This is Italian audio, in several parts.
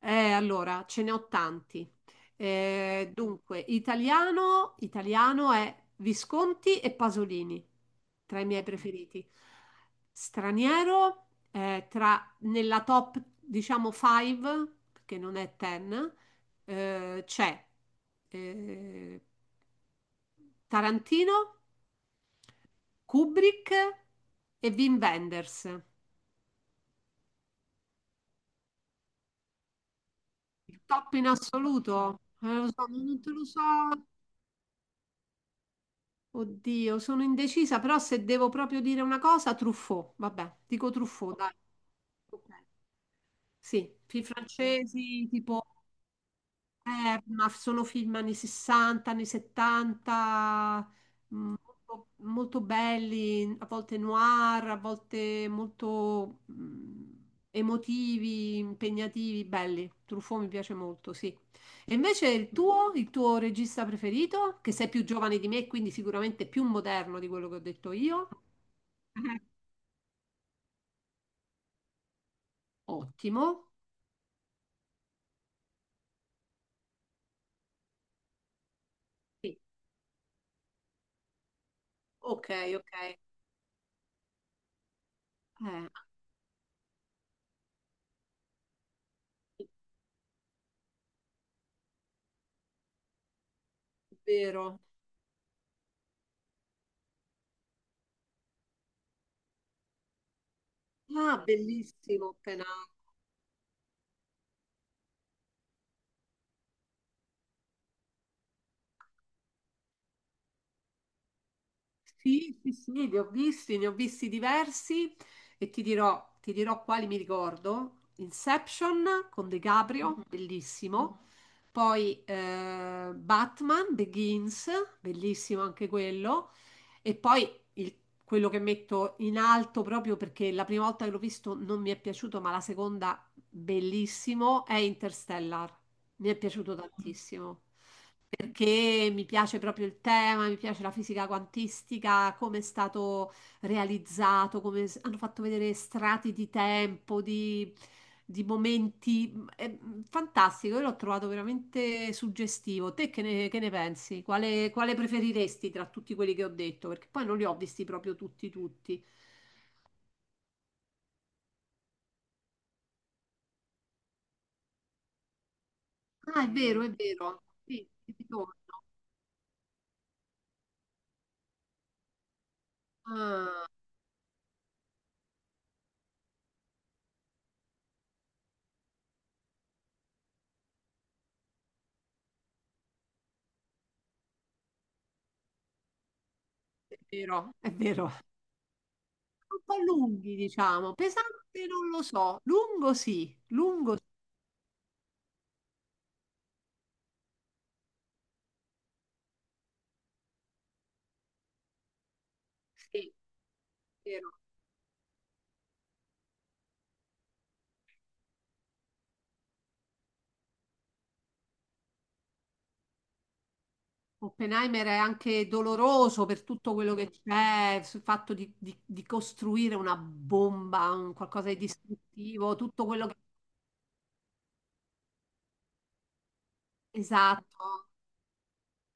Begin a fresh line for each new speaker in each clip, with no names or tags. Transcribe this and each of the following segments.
Allora, ce ne ho tanti. Dunque, italiano è Visconti e Pasolini, tra i miei preferiti. Straniero, nella top, diciamo, 5, perché non è 10, c'è eh, Tarantino, Kubrick e Wim Wenders. Il top in assoluto, lo so, non te lo so. Oddio, sono indecisa, però se devo proprio dire una cosa, Truffaut, vabbè, dico Truffaut, dai. Ok. Sì, film francesi, tipo. Ma sono film anni 60, anni 70, molto, molto belli, a volte noir, a volte molto emotivi, impegnativi, belli. Truffaut mi piace molto, sì. E invece il tuo regista preferito, che sei più giovane di me, quindi sicuramente più moderno di quello che ho detto io. Mhm. Ottimo. Sì. Ok, ok. Eh, vero. Ah, bellissimo, Penà. Sì, sì, sì, li ho visti, ne ho visti diversi e ti dirò quali mi ricordo. Inception con De Caprio, bellissimo. Poi Batman Begins, bellissimo anche quello. E poi quello che metto in alto proprio perché la prima volta che l'ho visto non mi è piaciuto, ma la seconda bellissimo è Interstellar. Mi è piaciuto tantissimo perché mi piace proprio il tema, mi piace la fisica quantistica, come è stato realizzato, come hanno fatto vedere strati di tempo, di momenti. È fantastico, io l'ho trovato veramente suggestivo. Te che ne pensi? Quale preferiresti tra tutti quelli che ho detto? Perché poi non li ho visti proprio tutti, tutti. Ah, è vero, è vero. Sì, ti ritorno. Ah, è vero, è vero. Un po' lunghi, diciamo. Pesante non lo so, lungo sì, vero. Oppenheimer è anche doloroso per tutto quello che c'è, sul fatto di costruire una bomba, un qualcosa di distruttivo, tutto quello che. Esatto,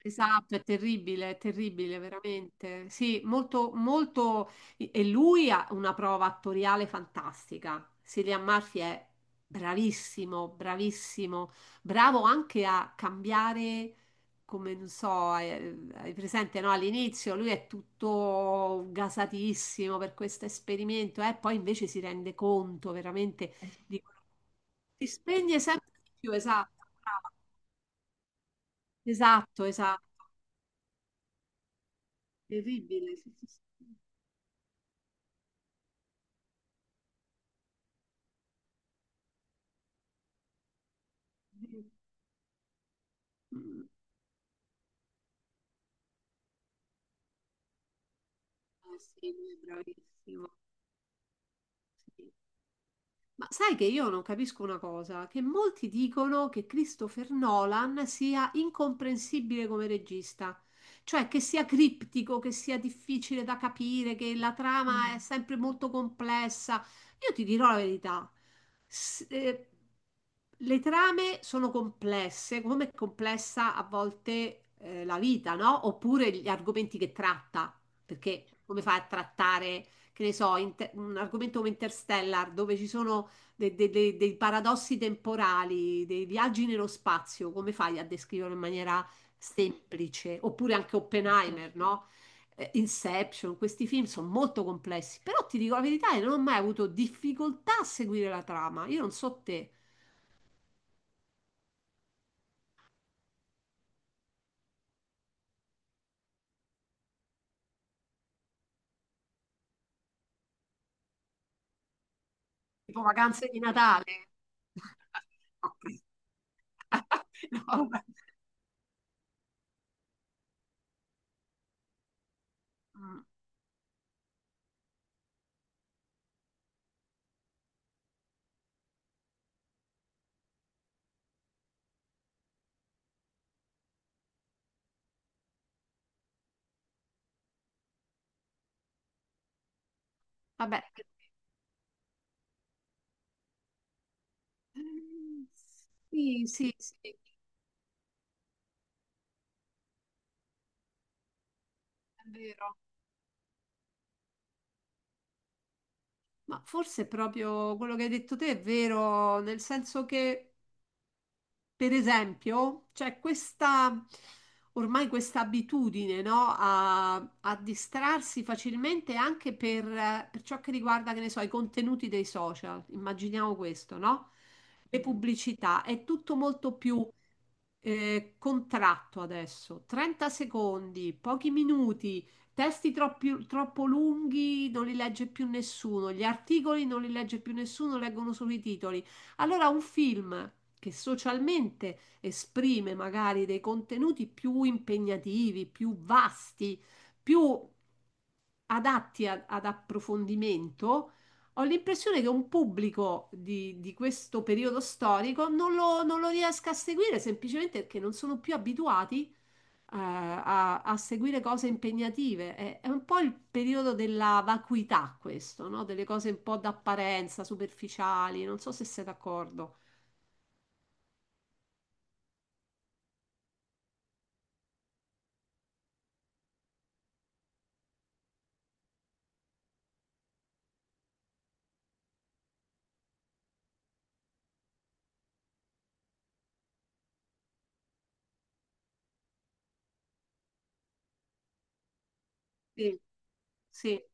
esatto, è terribile, veramente. Sì, molto, molto. E lui ha una prova attoriale fantastica. Cillian Murphy è bravissimo, bravissimo, bravo anche a cambiare, come non so, hai presente, no? All'inizio lui è tutto gasatissimo per questo esperimento, e poi invece si rende conto veramente di quello si spegne sempre di più, esatto, brava. Esatto, esatto. Terribile, sì, sì, sì. Mm, eh sì, lui è bravissimo, sì. Ma sai che io non capisco una cosa, che molti dicono che Christopher Nolan sia incomprensibile come regista, cioè che sia criptico, che sia difficile da capire, che la trama è sempre molto complessa. Io ti dirò la verità, s- eh, le trame sono complesse, come è complessa a volte la vita, no? Oppure gli argomenti che tratta, perché come fai a trattare, che ne so, un argomento come Interstellar, dove ci sono dei paradossi temporali, dei viaggi nello spazio, come fai a descriverlo in maniera semplice? Oppure anche Oppenheimer, no? Inception, questi film sono molto complessi, però ti dico la verità, io non ho mai avuto difficoltà a seguire la trama. Io non so te, tipo Vacanze di Natale. Ok. No, vabbè. Mm, vabbè. Sì, sì, sì, è vero. Ma forse proprio quello che hai detto te è vero, nel senso che per esempio, c'è questa, ormai questa abitudine, no? A distrarsi facilmente anche per ciò che riguarda, che ne so, i contenuti dei social. Immaginiamo questo, no? Le pubblicità, è tutto molto più contratto adesso. 30 secondi, pochi minuti, testi troppo lunghi non li legge più nessuno, gli articoli non li legge più nessuno, leggono solo i titoli. Allora un film che socialmente esprime magari dei contenuti più impegnativi, più vasti, più adatti ad approfondimento, ho l'impressione che un pubblico di questo periodo storico non lo riesca a seguire semplicemente perché non sono più abituati, a seguire cose impegnative. È un po' il periodo della vacuità questo, no? Delle cose un po' d'apparenza, superficiali, non so se sei d'accordo. Sì, sì, è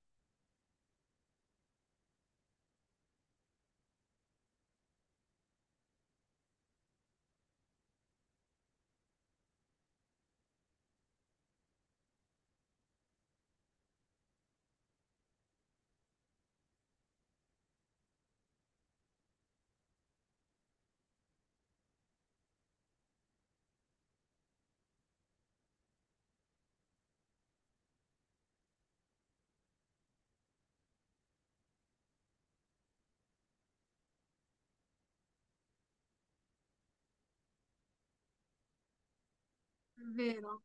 vero.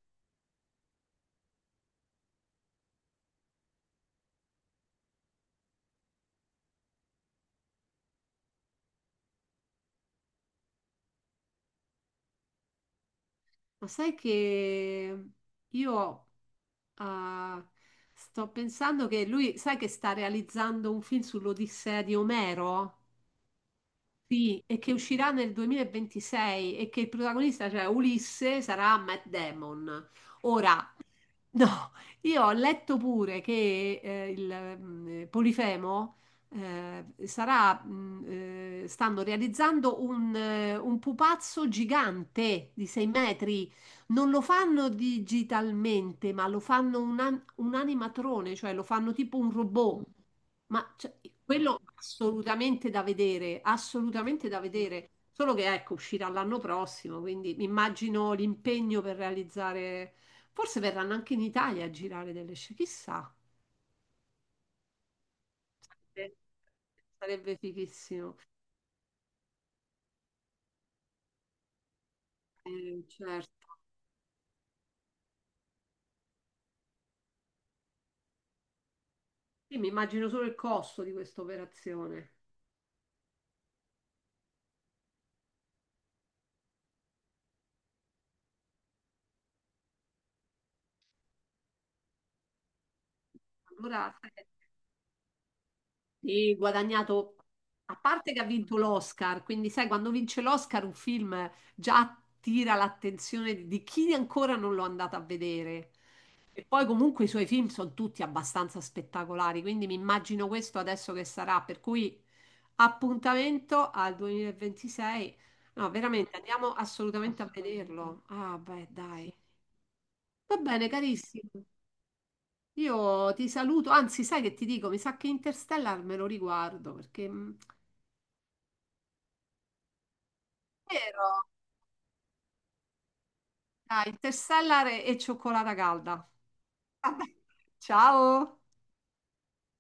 Ma sai che io ah, sto pensando che lui, sai che sta realizzando un film sull'Odissea di Omero? Sì, e che uscirà nel 2026 e che il protagonista, cioè Ulisse, sarà Matt Damon. Ora, no, io ho letto pure che il Polifemo sarà, stanno realizzando un pupazzo gigante di 6 metri. Non lo fanno digitalmente, ma lo fanno un animatrone, cioè lo fanno tipo un robot. Ma cioè, quello assolutamente da vedere, assolutamente da vedere. Solo che ecco, uscirà l'anno prossimo, quindi mi immagino l'impegno per realizzare. Forse verranno anche in Italia a girare delle scene, chissà. Sarebbe sarebbe fighissimo. Certo. Sì, mi immagino solo il costo di questa operazione. Allora, sì, guadagnato, a parte che ha vinto l'Oscar, quindi sai, quando vince l'Oscar un film già attira l'attenzione di chi ancora non l'ho andato a vedere. E poi comunque i suoi film sono tutti abbastanza spettacolari, quindi mi immagino questo adesso che sarà, per cui appuntamento al 2026. No, veramente, andiamo assolutamente a vederlo. Ah, beh, dai. Va bene, carissimo. Io ti saluto, anzi, sai che ti dico, mi sa che Interstellar me lo riguardo perché. Vero? Dai, tessella e cioccolata calda. Ciao!